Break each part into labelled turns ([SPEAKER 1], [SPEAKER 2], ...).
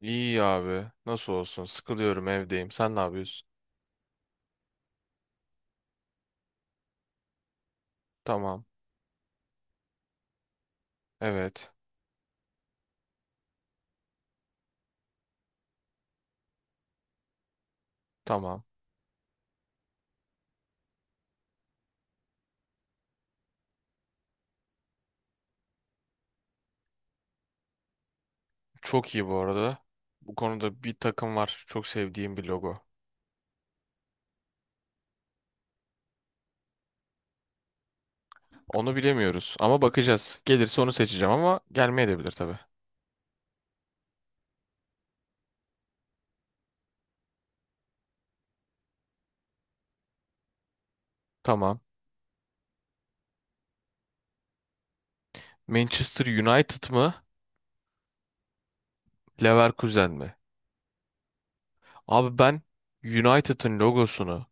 [SPEAKER 1] İyi abi. Nasıl olsun? Sıkılıyorum, evdeyim. Sen ne yapıyorsun? Tamam. Evet. Tamam. Çok iyi bu arada. Bu konuda bir takım var. Çok sevdiğim bir logo. Onu bilemiyoruz ama bakacağız. Gelirse onu seçeceğim ama gelmeyebilir tabii. Tamam. Manchester United mı? Leverkusen mi? Abi ben United'ın logosunu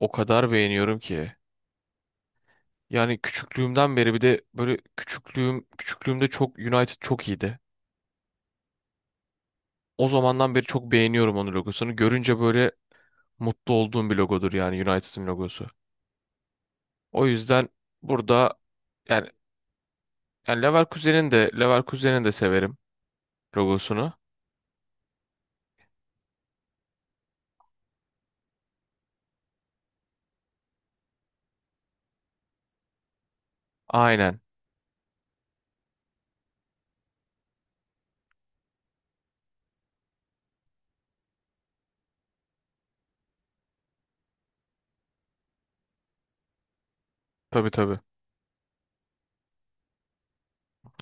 [SPEAKER 1] o kadar beğeniyorum ki. Yani küçüklüğümden beri, bir de böyle küçüklüğümde çok United çok iyiydi. O zamandan beri çok beğeniyorum onun logosunu. Görünce böyle mutlu olduğum bir logodur yani, United'ın logosu. O yüzden burada yani, yani Leverkusen'in de severim logosunu. Aynen. Tabii, tabii.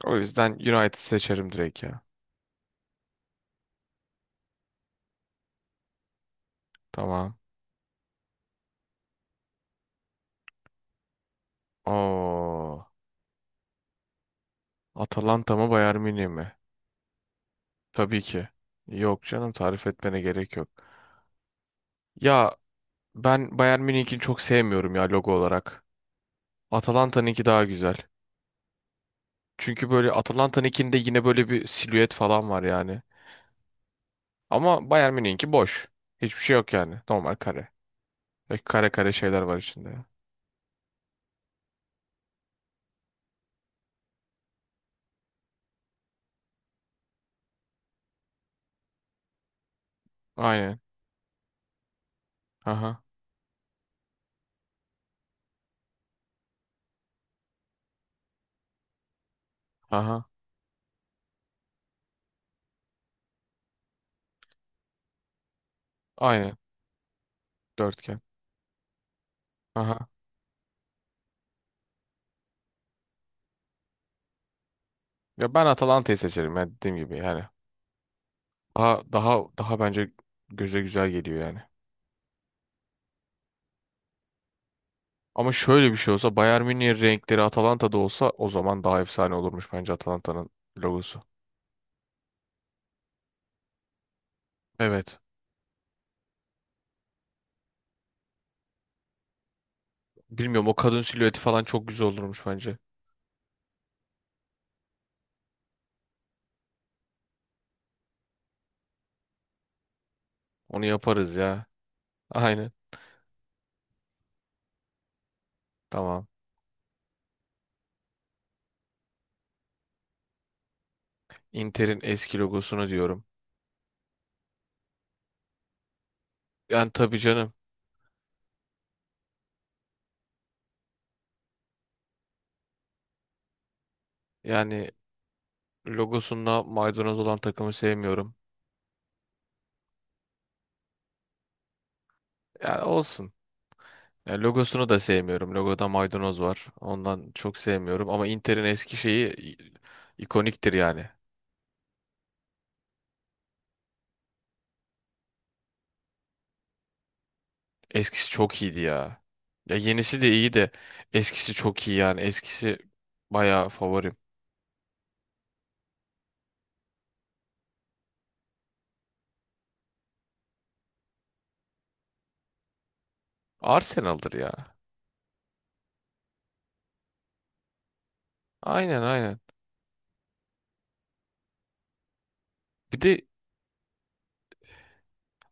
[SPEAKER 1] O yüzden United seçerim direkt ya. Tamam. Oo. Atalanta mı, Bayern Münih mi? Tabii ki. Yok canım, tarif etmene gerek yok. Ya ben Bayern Münih'ini çok sevmiyorum ya, logo olarak. Atalanta'nınki daha güzel. Çünkü böyle Atalanta'nınkinde yine böyle bir silüet falan var yani. Ama Bayern Münih'inki boş. Hiçbir şey yok yani. Normal kare. Ve kare kare şeyler var içinde. Aynen. Aha. Aha. Aynen. Dörtgen. Aha. Ya ben Atalanta'yı seçerim ya, dediğim gibi yani. Daha bence göze güzel geliyor yani. Ama şöyle bir şey olsa, Bayern Münih'in renkleri Atalanta'da olsa, o zaman daha efsane olurmuş bence Atalanta'nın logosu. Evet. Bilmiyorum, o kadın silüeti falan çok güzel olurmuş bence. Onu yaparız ya. Aynen. Tamam. Inter'in eski logosunu diyorum. Yani tabii canım. Yani logosunda maydanoz olan takımı sevmiyorum. Yani olsun. Yani logosunu da sevmiyorum. Logoda maydanoz var. Ondan çok sevmiyorum. Ama Inter'in eski şeyi ikoniktir yani. Eskisi çok iyiydi ya. Ya yenisi de iyi de eskisi çok iyi yani. Eskisi bayağı favorim. Arsenal'dır ya. Aynen. Bir de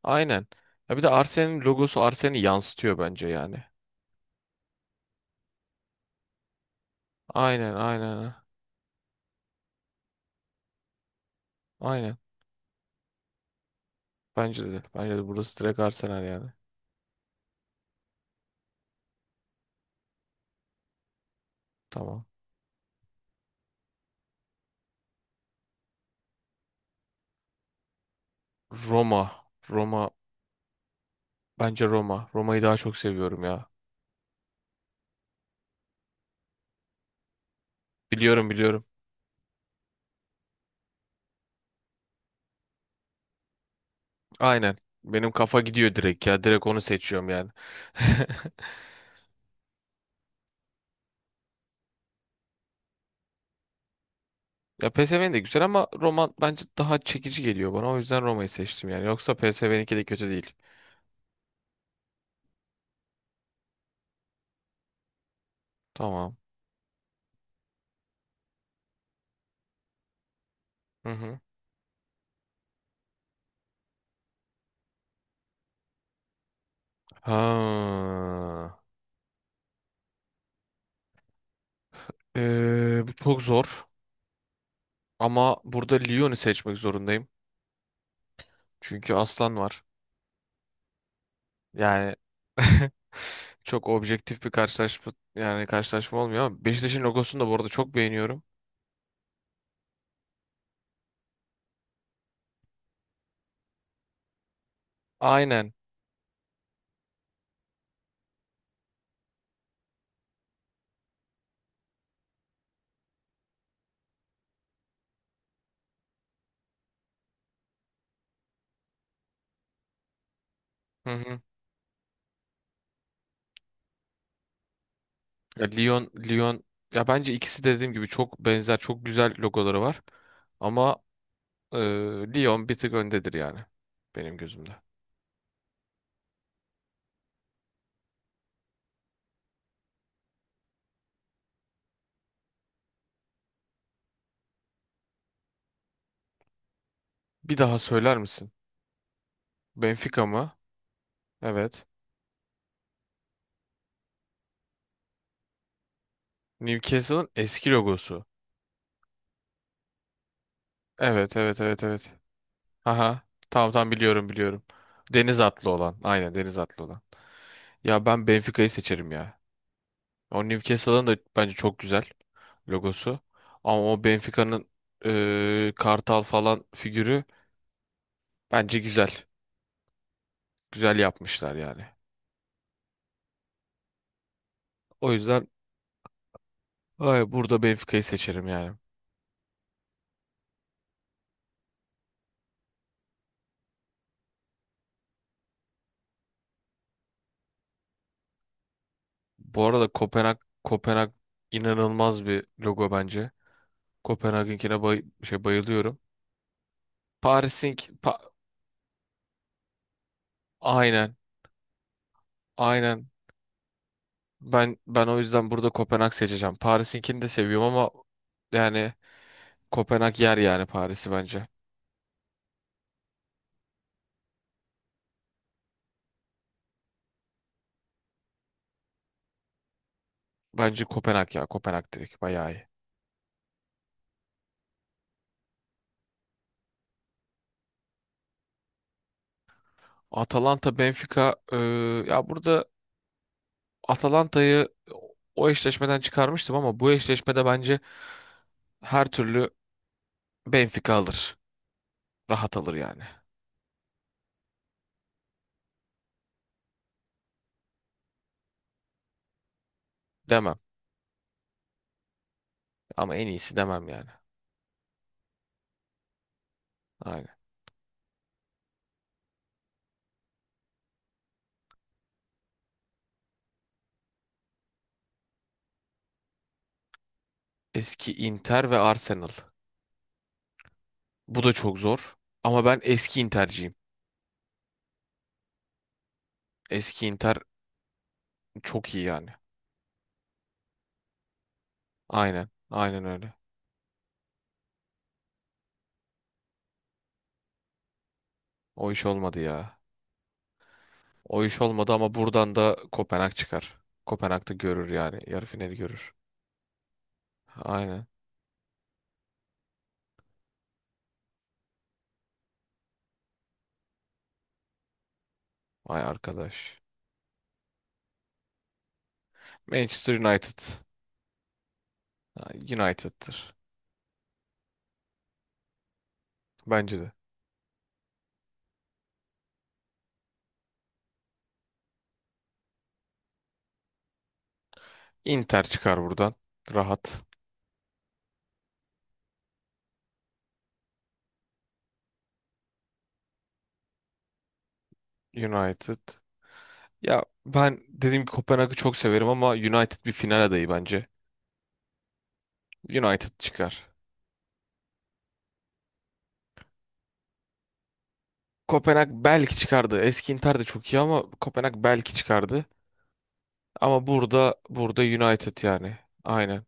[SPEAKER 1] aynen. Ya bir de Arsenal'in logosu Arsenal'i yansıtıyor bence yani. Aynen. Aynen. Bence de. Bence de burası direkt Arsenal yani. Tamam. Roma. Roma. Bence Roma. Roma'yı daha çok seviyorum ya. Biliyorum, biliyorum. Aynen. Benim kafa gidiyor direkt ya. Direkt onu seçiyorum yani. Ya PSV'nin de güzel ama Roma bence daha çekici geliyor bana. O yüzden Roma'yı seçtim yani. Yoksa PSV'ninki de kötü değil. Tamam. Hı hı. Ha. Bu çok zor. Ama burada Lyon'u seçmek zorundayım. Çünkü aslan var. Yani çok objektif bir karşılaşma, yani karşılaşma olmuyor, ama Beşiktaş'ın logosunu da bu arada çok beğeniyorum. Aynen. Hı hı. Ya Lyon ya bence ikisi de, dediğim gibi, çok benzer, çok güzel logoları var. Ama e, Lyon bir tık öndedir yani benim gözümde. Bir daha söyler misin? Benfica mı? Evet. Newcastle'ın eski logosu. Evet, evet, evet, evet. Aha. Tamam, tamam, biliyorum, biliyorum. Deniz atlı olan. Aynen, deniz atlı olan. Ya ben Benfica'yı seçerim ya. O Newcastle'ın da bence çok güzel logosu. Ama o Benfica'nın kartal falan figürü bence güzel. Güzel yapmışlar yani. O yüzden ay, burada Benfica'yı seçerim yani. Bu arada Kopenhag inanılmaz bir logo bence. Kopenhag'ınkine bayılıyorum. Paris'ink pa- aynen, aynen ben o yüzden burada Kopenhag seçeceğim. Paris'inkini de seviyorum ama yani Kopenhag yer yani Paris'i bence. Bence Kopenhag ya. Kopenhag direkt bayağı iyi. Atalanta Benfica, ya burada Atalanta'yı o eşleşmeden çıkarmıştım ama bu eşleşmede bence her türlü Benfica alır. Rahat alır yani. Demem, ama en iyisi demem yani. Aynen. Eski Inter ve Arsenal. Bu da çok zor ama ben eski Inter'ciyim. Eski Inter çok iyi yani. Aynen. Aynen öyle. O iş olmadı ya. O iş olmadı ama buradan da Kopenhag çıkar. Kopenhag'da görür yani. Yarı finali görür. Aynen. Ay arkadaş. Manchester United. Ha, United'tır. Bence de. Inter çıkar buradan. Rahat. United. Ya ben dediğim gibi Kopenhag'ı çok severim ama United bir final adayı bence. United çıkar. Kopenhag belki çıkardı. Eski Inter de çok iyi ama Kopenhag belki çıkardı. Ama burada United yani. Aynen.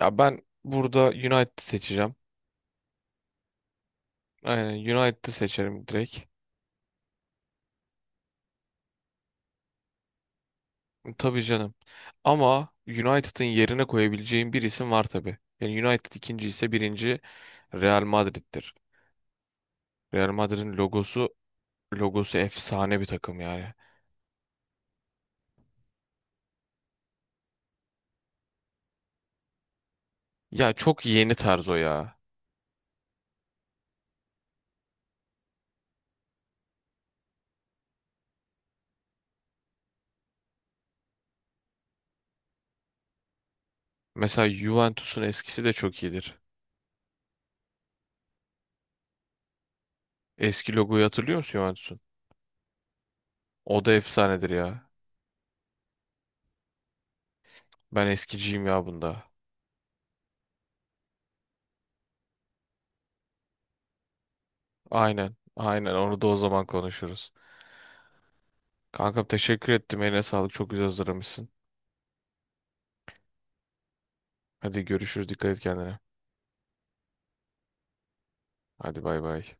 [SPEAKER 1] Ya ben burada United seçeceğim. Aynen, United'ı seçerim direkt. Tabii canım. Ama United'ın yerine koyabileceğim bir isim var tabii. Yani United ikinci ise birinci Real Madrid'dir. Real Madrid'in logosu efsane bir takım yani. Ya çok yeni tarz o ya. Mesela Juventus'un eskisi de çok iyidir. Eski logoyu hatırlıyor musun Juventus'un? O da efsanedir ya. Ben eskiciyim ya bunda. Aynen. Aynen, onu da o zaman konuşuruz. Kankam, teşekkür ettim. Eline sağlık. Çok güzel hazırlamışsın. Hadi görüşürüz. Dikkat et kendine. Hadi, bay bay.